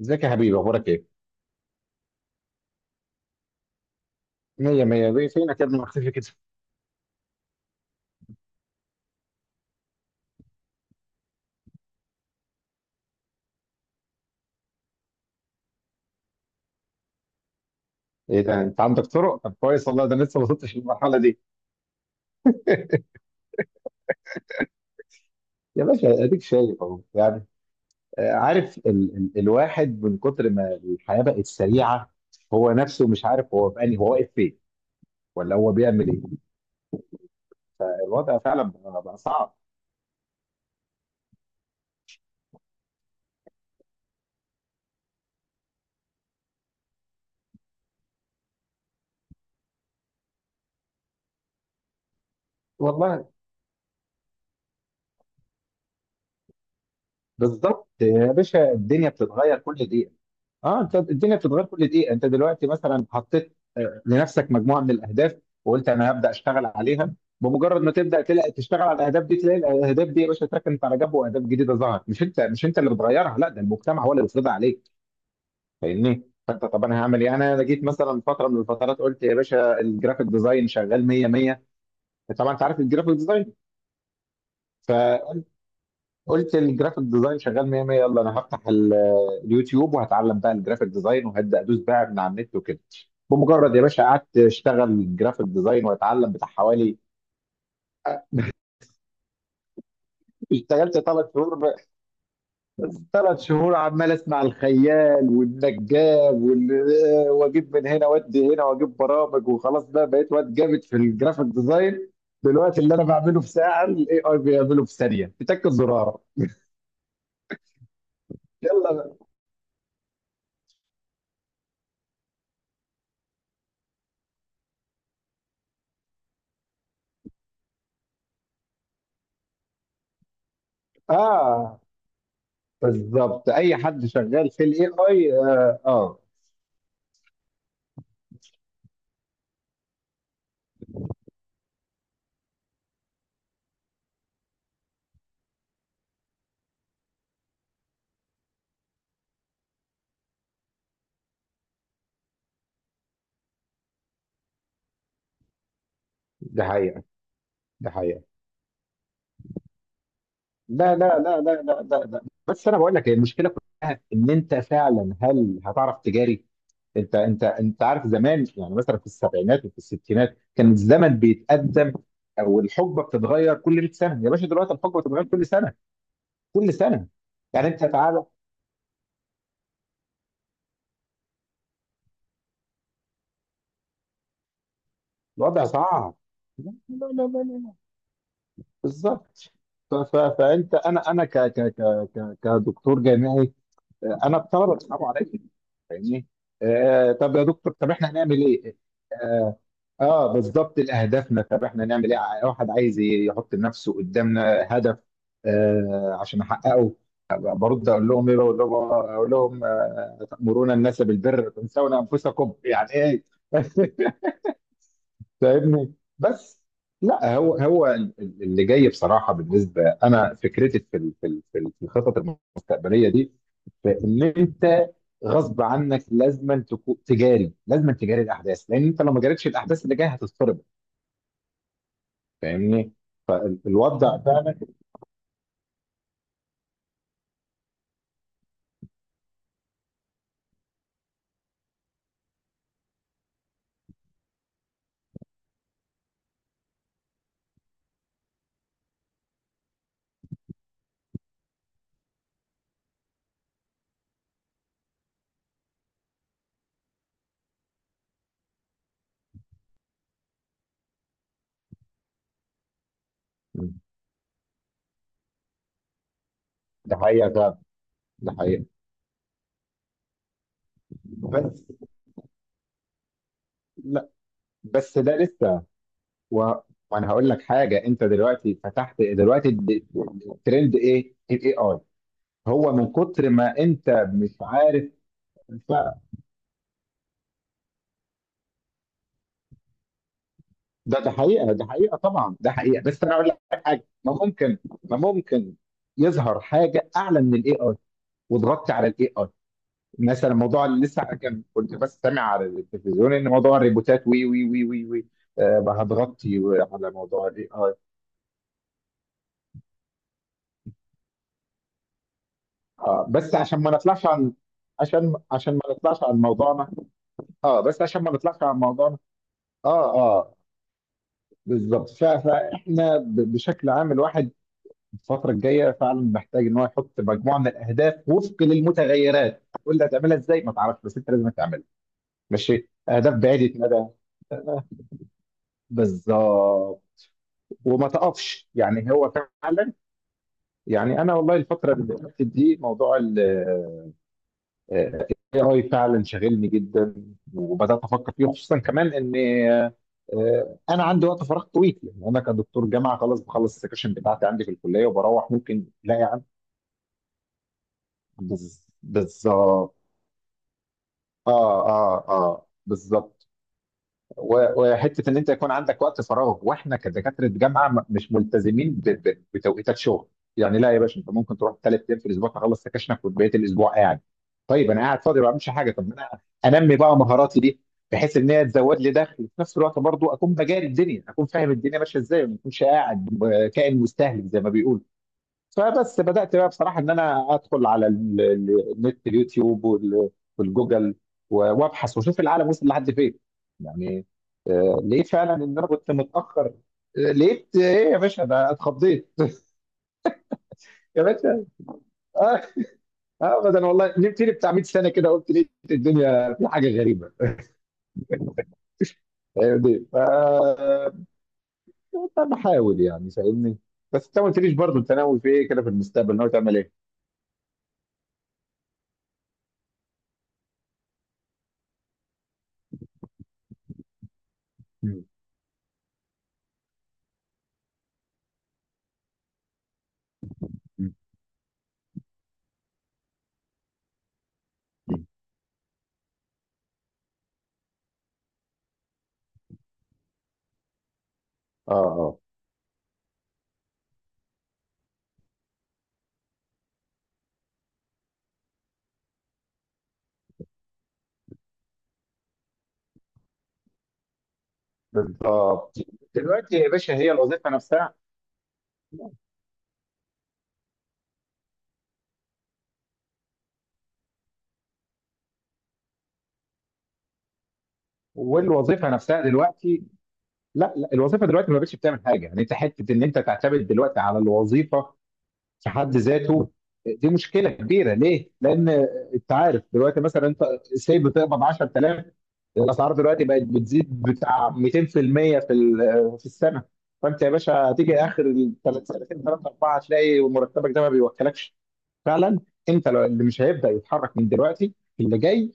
ازيك يا حبيبي، اخبارك ايه؟ مية مية، بيه فينك يا ابني مختفي كده؟ ايه ده انت عندك طرق؟ طب كويس والله، ده أنا لسه ما وصلتش للمرحلة دي. يا باشا اديك شايف اهو يعني. عارف ال ال الواحد من كتر ما الحياة بقت سريعة، هو نفسه مش عارف هو في انهي، هو واقف فين ولا هو بيعمل ايه؟ لا، الوضع فعلا بقى صعب. والله، بالظبط يا باشا، الدنيا بتتغير كل دقيقة. اه، انت الدنيا بتتغير كل دقيقه. انت دلوقتي مثلا حطيت لنفسك مجموعه من الاهداف وقلت انا هبدا اشتغل عليها. بمجرد ما تبدا تلاقي تشتغل على الاهداف دي، تلاقي الاهداف دي يا باشا اتركنت على جنب، واهداف جديده ظهرت. مش انت اللي بتغيرها، لا ده المجتمع هو اللي بيفرضها عليك. فاهمني؟ فانت، طب انا هعمل ايه؟ انا جيت مثلا فتره من الفترات، قلت يا باشا الجرافيك ديزاين شغال 100 100. طبعا انت عارف الجرافيك ديزاين. قلت الجرافيك ديزاين شغال 100 100، يلا انا هفتح اليوتيوب وهتعلم بقى الجرافيك ديزاين وهبدا ادوس بقى من على النت وكده. بمجرد يا باشا قعدت اشتغل جرافيك ديزاين واتعلم بتاع حوالي، اشتغلت 3 شهور بقى. 3 شهور عمال اسمع الخيال والنجاب واجيب من هنا وادي هنا واجيب برامج، وخلاص بقى بقيت واد جامد في الجرافيك ديزاين. بالوقت اللي انا بعمله في ساعه، الاي اي بيعمله في ثانيه بتاكد زرار. يلا بقى. اه، بالظبط، اي حد شغال في الاي اي. ده حقيقه ده حقيقه. لا لا لا لا لا لا لا. بس انا بقول لك هي المشكله كلها ان انت فعلا هل هتعرف تجاري. انت عارف زمان يعني، مثلا في السبعينات وفي الستينات كان الزمن بيتقدم، او الحقبه بتتغير كل 100 سنه. يا باشا، دلوقتي الحقبه بتتغير كل سنه، كل سنه. يعني انت تعالى، الوضع صعب. لا لا لا لا لا. بالظبط. فانت انا كدكتور جامعي. انا الطلبه بيصعبوا عليا، فاهمني؟ طب يا دكتور، طب احنا هنعمل ايه؟ اه, بالظبط، اهدافنا، طب احنا هنعمل ايه؟ واحد عايز يحط لنفسه قدامنا هدف عشان احققه. أبقى برد اقول لهم ايه؟ بقول لهم، اقول لهم: تأمرون الناس بالبر وتنسون انفسكم، يعني ايه؟ فاهمني بس. لا، هو اللي جاي بصراحه، بالنسبه انا فكرتي في الخطط المستقبليه دي. فان انت غصب عنك لازما تكون تجاري، لازما تجاري الاحداث، لان انت لو ما جاريتش الاحداث اللي جايه هتضطرب. فاهمني؟ فالوضع فعلا. ده حقيقه فعلا، ده حقيقه. بس، لا، بس ده لسه و... وانا هقول لك حاجه. انت دلوقتي فتحت دلوقتي الترند ايه؟ الاي اي. هو من كتر ما انت مش عارف. ف- ده ده حقيقه ده حقيقه طبعا ده حقيقه. بس انا اقول لك حاجه، ما ممكن، ما ممكن يظهر حاجه اعلى من الاي اي وضغطت على الاي اي؟ مثلا موضوع اللي لسه كان كنت بس سامع على التلفزيون ان موضوع الريبوتات وي وي وي وي وي هتغطي على موضوع الاي اي. بس عشان ما نطلعش عن. عشان ما نطلعش عن موضوعنا. اه، بس عشان ما نطلعش عن موضوعنا. اه اه بالظبط. فاحنا بشكل عام، الواحد الفتره الجايه فعلا محتاج ان هو يحط مجموعه من الاهداف وفق للمتغيرات. تقول لي هتعملها ازاي، ما تعرفش بس انت لازم تعملها. ماشي، اهداف بعيده مدى. بالظبط. وما تقفش يعني، هو فعلا يعني. انا والله الفتره اللي فاتت دي موضوع ال اي اي فعلا شاغلني جدا، وبدات افكر فيه، خصوصا كمان ان انا عندي وقت فراغ طويل. يعني انا كدكتور جامعه، خلاص بخلص السكشن بتاعتي عندي في الكليه وبروح، ممكن لا يعني. بالظبط. اه اه اه بالظبط. وحته ان انت يكون عندك وقت فراغ، واحنا كدكاتره جامعه مش ملتزمين بتوقيتات شغل. يعني لا يا باشا، انت ممكن تروح 3 ايام في الاسبوع تخلص سكاشنك وبقيه الاسبوع قاعد. طيب انا قاعد فاضي ما بعملش حاجه، طب ما انا انمي بقى مهاراتي دي، بحيث ان هي تزود لي دخل. في نفس الوقت برضو اكون بجاري الدنيا، اكون فاهم الدنيا ماشيه ازاي، وما اكونش قاعد كائن مستهلك زي ما بيقولوا. فبس بدأت بقى بصراحة إن أنا أدخل على النت، اليوتيوب والجوجل وأبحث وأشوف العالم وصل لحد فين يعني. ليه فعلا إن أنا كنت متأخر؟ لقيت إيه يا باشا؟ ده اتخضيت. يا باشا، آه، أبدا والله، نمت لي بتاع 100 سنة كده، قلت ليه الدنيا في حاجة غريبة. فاهمني؟ أنا بحاول يعني، فاهمني؟ بس أنت ما قلتليش برضه، أنت ناوي في إيه كده في المستقبل؟ ناوي تعمل إيه؟ مم. مم. مم. آه آه بالظبط. دلوقتي يا باشا هي الوظيفه نفسها. والوظيفه نفسها دلوقتي، لا لا، الوظيفه دلوقتي ما بقتش بتعمل حاجه. يعني انت حته ان انت تعتمد دلوقتي على الوظيفه في حد ذاته، دي مشكله كبيره. ليه؟ لان انت عارف دلوقتي مثلا، انت سي بتقبض 10000. الاسعار دلوقتي بقت بتزيد بتاع 200% في المئة في السنه. فانت يا باشا هتيجي اخر الثلاث سنتين، ثلاثه اربعه، هتلاقي مرتبك ده ما بيوكلكش فعلا. انت لو اللي مش هيبدا يتحرك من دلوقتي، اللي جاي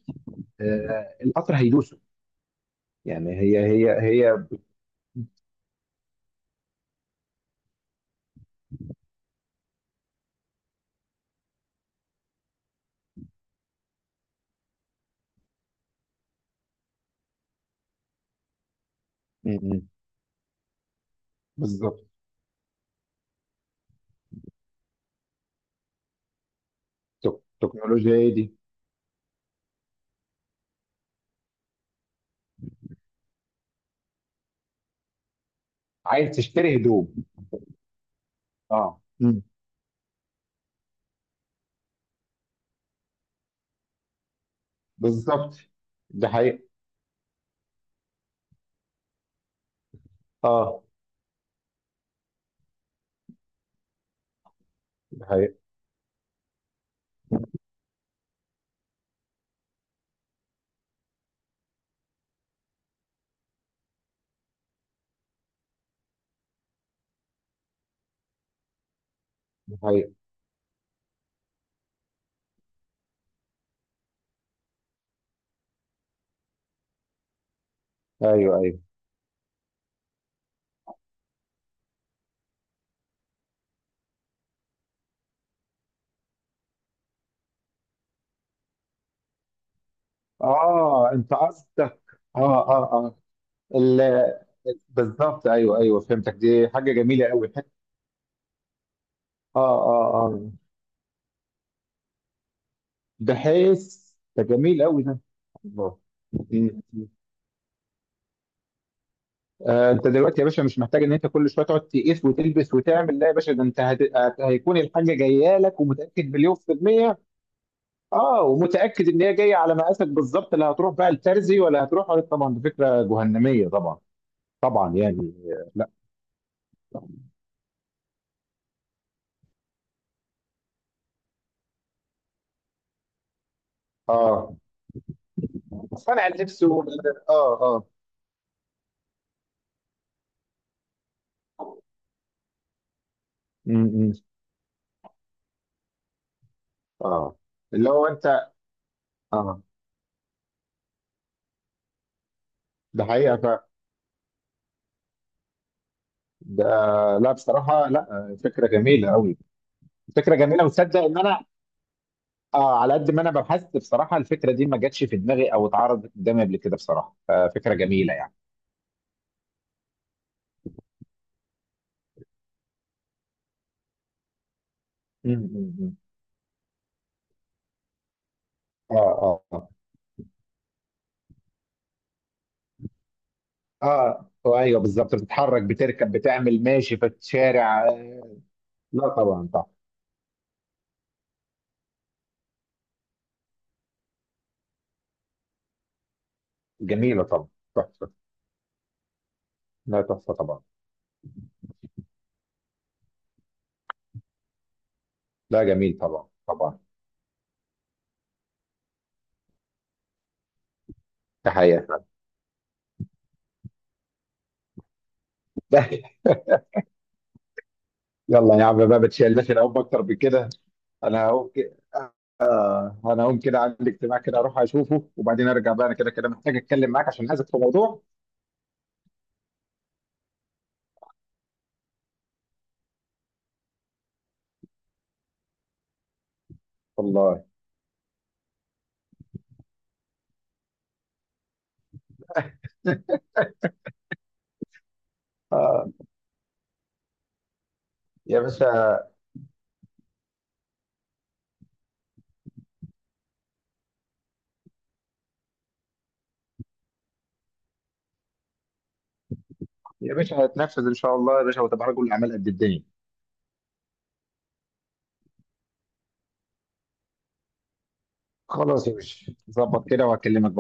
القطر هيدوسه. يعني هي. م- م. بالظبط. تكنولوجيا هي دي. عايز تشتري هدوم. اه، بالظبط. ده حقيقة. اه، ده حقيقة، ده حقيقة. ايوه، ايوه. اه، انت قصدك، اه اه اه ال- بالظبط، ايوه، ايوه، فهمتك، دي حاجة جميلة قوي. اه اه اه، ده حس ده جميل قوي ده. الله. انت دلوقتي يا باشا مش محتاج ان انت كل شويه تقعد تقيس وتلبس وتعمل. لا يا باشا، ده انت هيكون الحاجه جايه لك ومتاكد مليون في الميه. اه، ومتاكد ان هي جايه على مقاسك بالظبط. لا هتروح بقى الترزي ولا هتروح ولا، طبعا دي فكره جهنميه، طبعا طبعا يعني لا. اه، صنع اللبس اه اه. م- م. اه، اللي هو انت. اه، ده حقيقه ده. لا بصراحه، لا فكره جميله قوي. فكره جميله، وتصدق ان انا اه على قد ما انا بحثت بصراحه، الفكره دي ما جاتش في دماغي او اتعرضت قدامي قبل كده بصراحه. ففكره جميله يعني. م- م- م. اه اه اه. اه ايوه بالظبط، بتتحرك، بتركب، بتعمل ماشي في الشارع. لا طبعا طبعا. جميله طبعا. تحفه. لا تحفه طبعا. لا جميل طبعا طبعا. ده حقيقه فعلا. يلا يا عم بقى، ما تشيلناش العب اكتر من كده. انا هقوم كده انا هقوم كده، عندي اجتماع كده اروح اشوفه وبعدين ارجع. بقى انا كده كده محتاج اتكلم معاك عشان عايزك في موضوع. والله. آه. يا باشا. يا باشا هيتنفذ ان شاء الله يا باشا، وتبقى رجل اعمال قد الدنيا. خلاص يا باشا، ظبط كده وهكلمك.